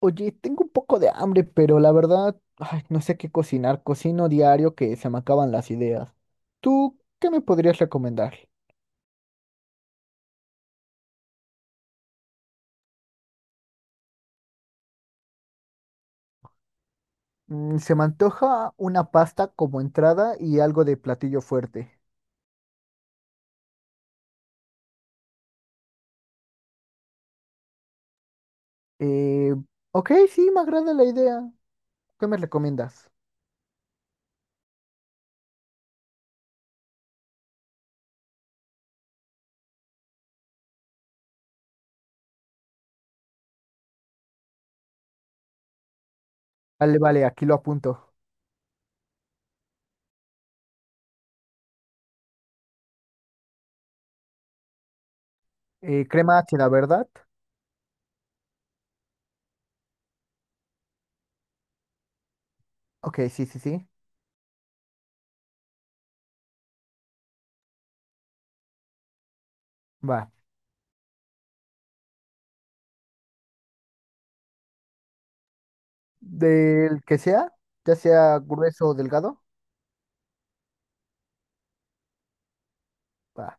Oye, tengo un poco de hambre, pero la verdad, ay, no sé qué cocinar. Cocino diario que se me acaban las ideas. ¿Tú qué me podrías recomendar? Mm, se me antoja una pasta como entrada y algo de platillo fuerte. Eh, ok, sí, me agrada la idea. ¿Qué me recomiendas? Vale, vale, aquí lo apunto. Crema ácida, ¿verdad? Ok, sí, sí, sí. Va. Del que sea, ya sea grueso o delgado. Va.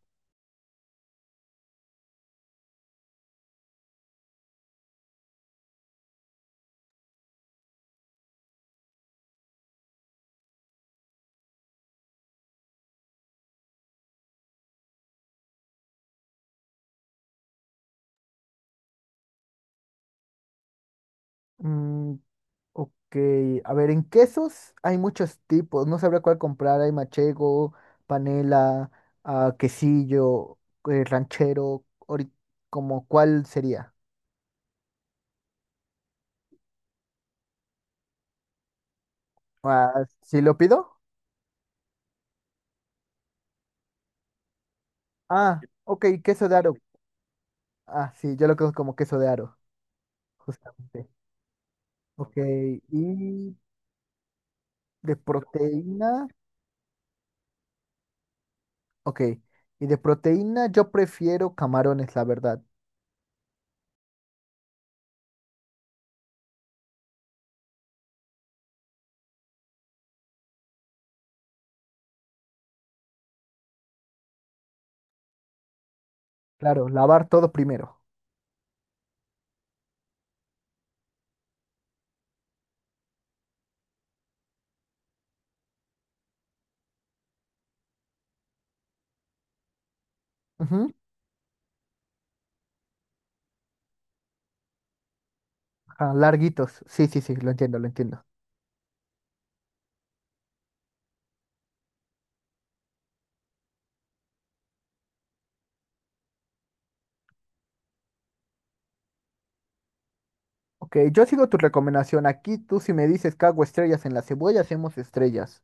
Mm, ok, a ver, en quesos hay muchos tipos, no sabría cuál comprar, hay machego, panela, ah, quesillo, ranchero, como cuál sería. Ah, ¿sí lo pido? Ah, ok, queso de aro. Ah, sí, yo lo conozco como queso de aro, justamente. Ok, y de proteína, ok, y de proteína yo prefiero camarones, la verdad. Claro, lavar todo primero. Ujú, ajá, larguitos, sí, sí, sí, lo entiendo, lo entiendo. Ok, yo sigo tu recomendación. Aquí tú si me dices que hago estrellas en la cebolla, hacemos estrellas.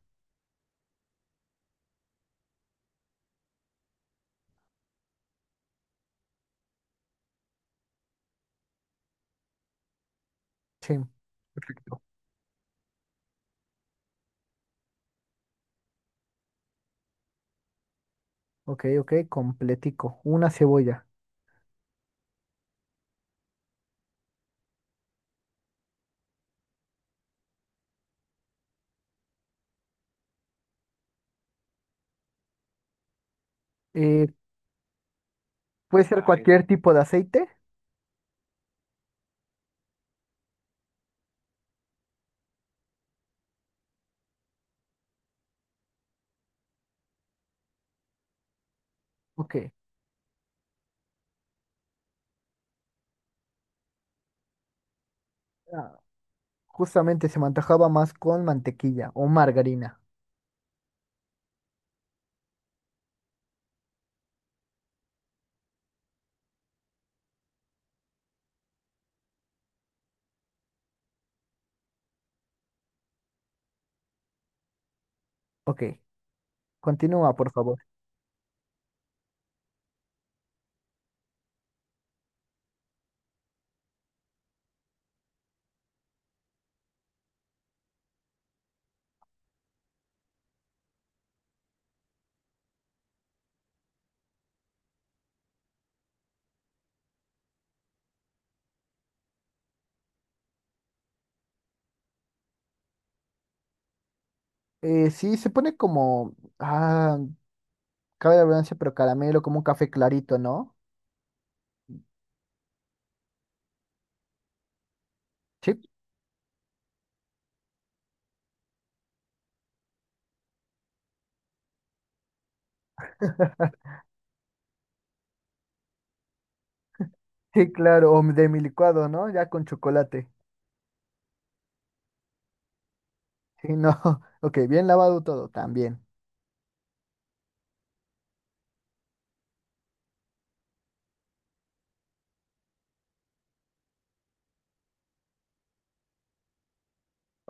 Sí, perfecto. Ok, ok, completico. Una cebolla. Eh, ¿Puede ser, vale, cualquier tipo de aceite? Ok. Ah, justamente se me antojaba más con mantequilla o margarina. Ok, continúa, por favor. Sí, se pone como, ah, cabe la redundancia, pero caramelo, como un café clarito, ¿no? Sí, sí, claro, o de mi licuado, ¿no? Ya con chocolate. Sí, no. Ok, bien lavado todo también.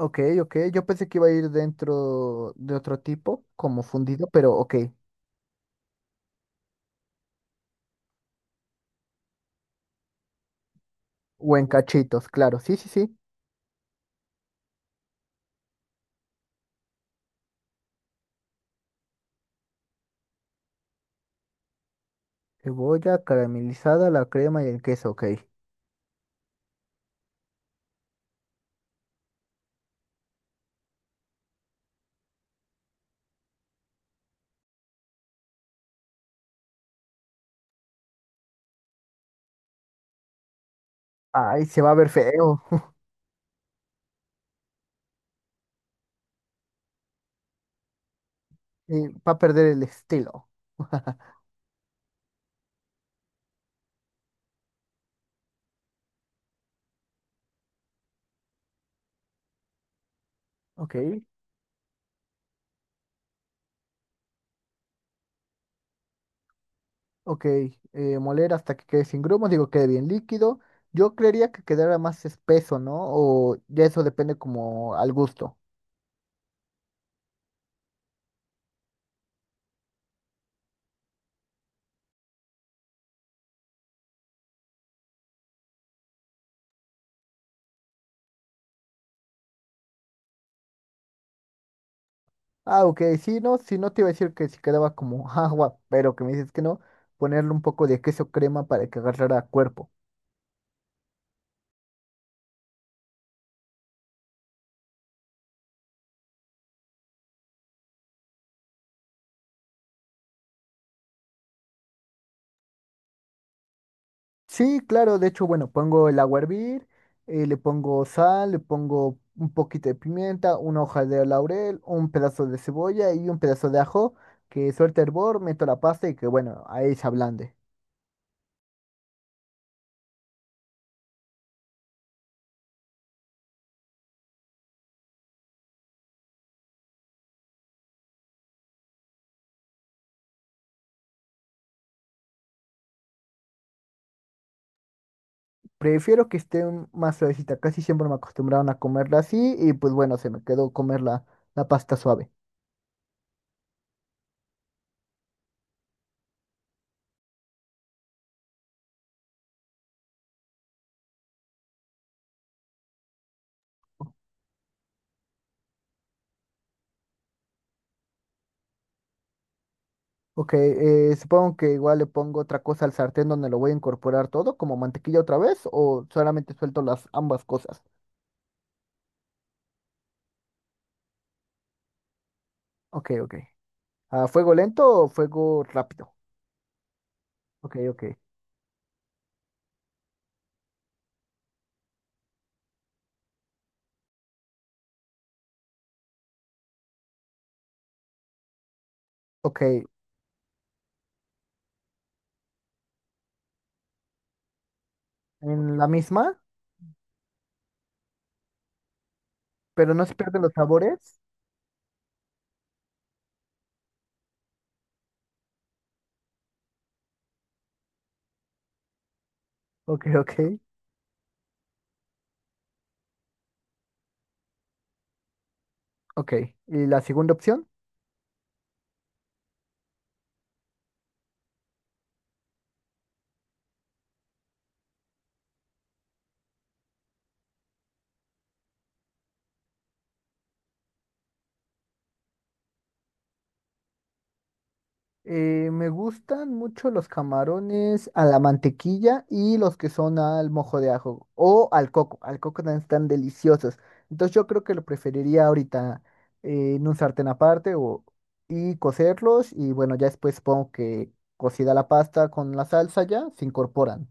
Ok, ok. Yo pensé que iba a ir dentro de otro tipo, como fundido, pero ok. O en cachitos, claro. Sí, sí, sí. Cebolla caramelizada, la crema y el queso, ok. Ay, se va a ver feo. Y va a perder el estilo. Ok, ok, moler hasta que quede sin grumos, digo, quede bien líquido. Yo creería que quedara más espeso, ¿no? O ya eso depende como al gusto. Ah, ok, sí, no, si no te iba a decir que si quedaba como agua, pero que me dices que no, ponerle un poco de queso crema para que agarrara cuerpo. Sí, claro, de hecho, bueno, pongo el agua a hervir, le pongo sal, le pongo un poquito de pimienta, una hoja de laurel, un pedazo de cebolla y un pedazo de ajo, que suelta hervor, meto la pasta y que bueno, ahí se ablande. Prefiero que esté más suavecita, casi siempre me acostumbraron a comerla así y pues bueno, se me quedó comer la, la pasta suave. Ok, supongo que igual le pongo otra cosa al sartén donde lo voy a incorporar todo, como mantequilla otra vez, o solamente suelto las ambas cosas. Ok, ok. ¿A fuego lento o fuego rápido? Ok, ok. Ok, en la misma, pero no se pierden los sabores. Ok, ok. Ok. ¿Y la segunda opción? Me gustan mucho los camarones a la mantequilla y los que son al mojo de ajo o al coco. Al coco también están deliciosos. Entonces yo creo que lo preferiría ahorita, en un sartén aparte o, y cocerlos y bueno, ya después pongo que cocida la pasta con la salsa ya se incorporan.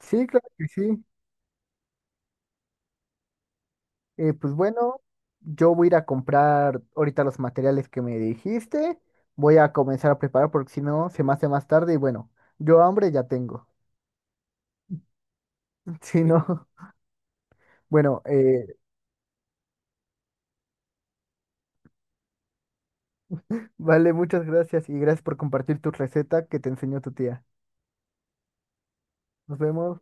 Sí, claro que sí. Pues bueno, yo voy a ir a comprar ahorita los materiales que me dijiste. Voy a comenzar a preparar porque si no se me hace más tarde y bueno, yo hambre ya tengo. Sí, no. Bueno, vale, muchas gracias y gracias por compartir tu receta que te enseñó tu tía. Nos vemos.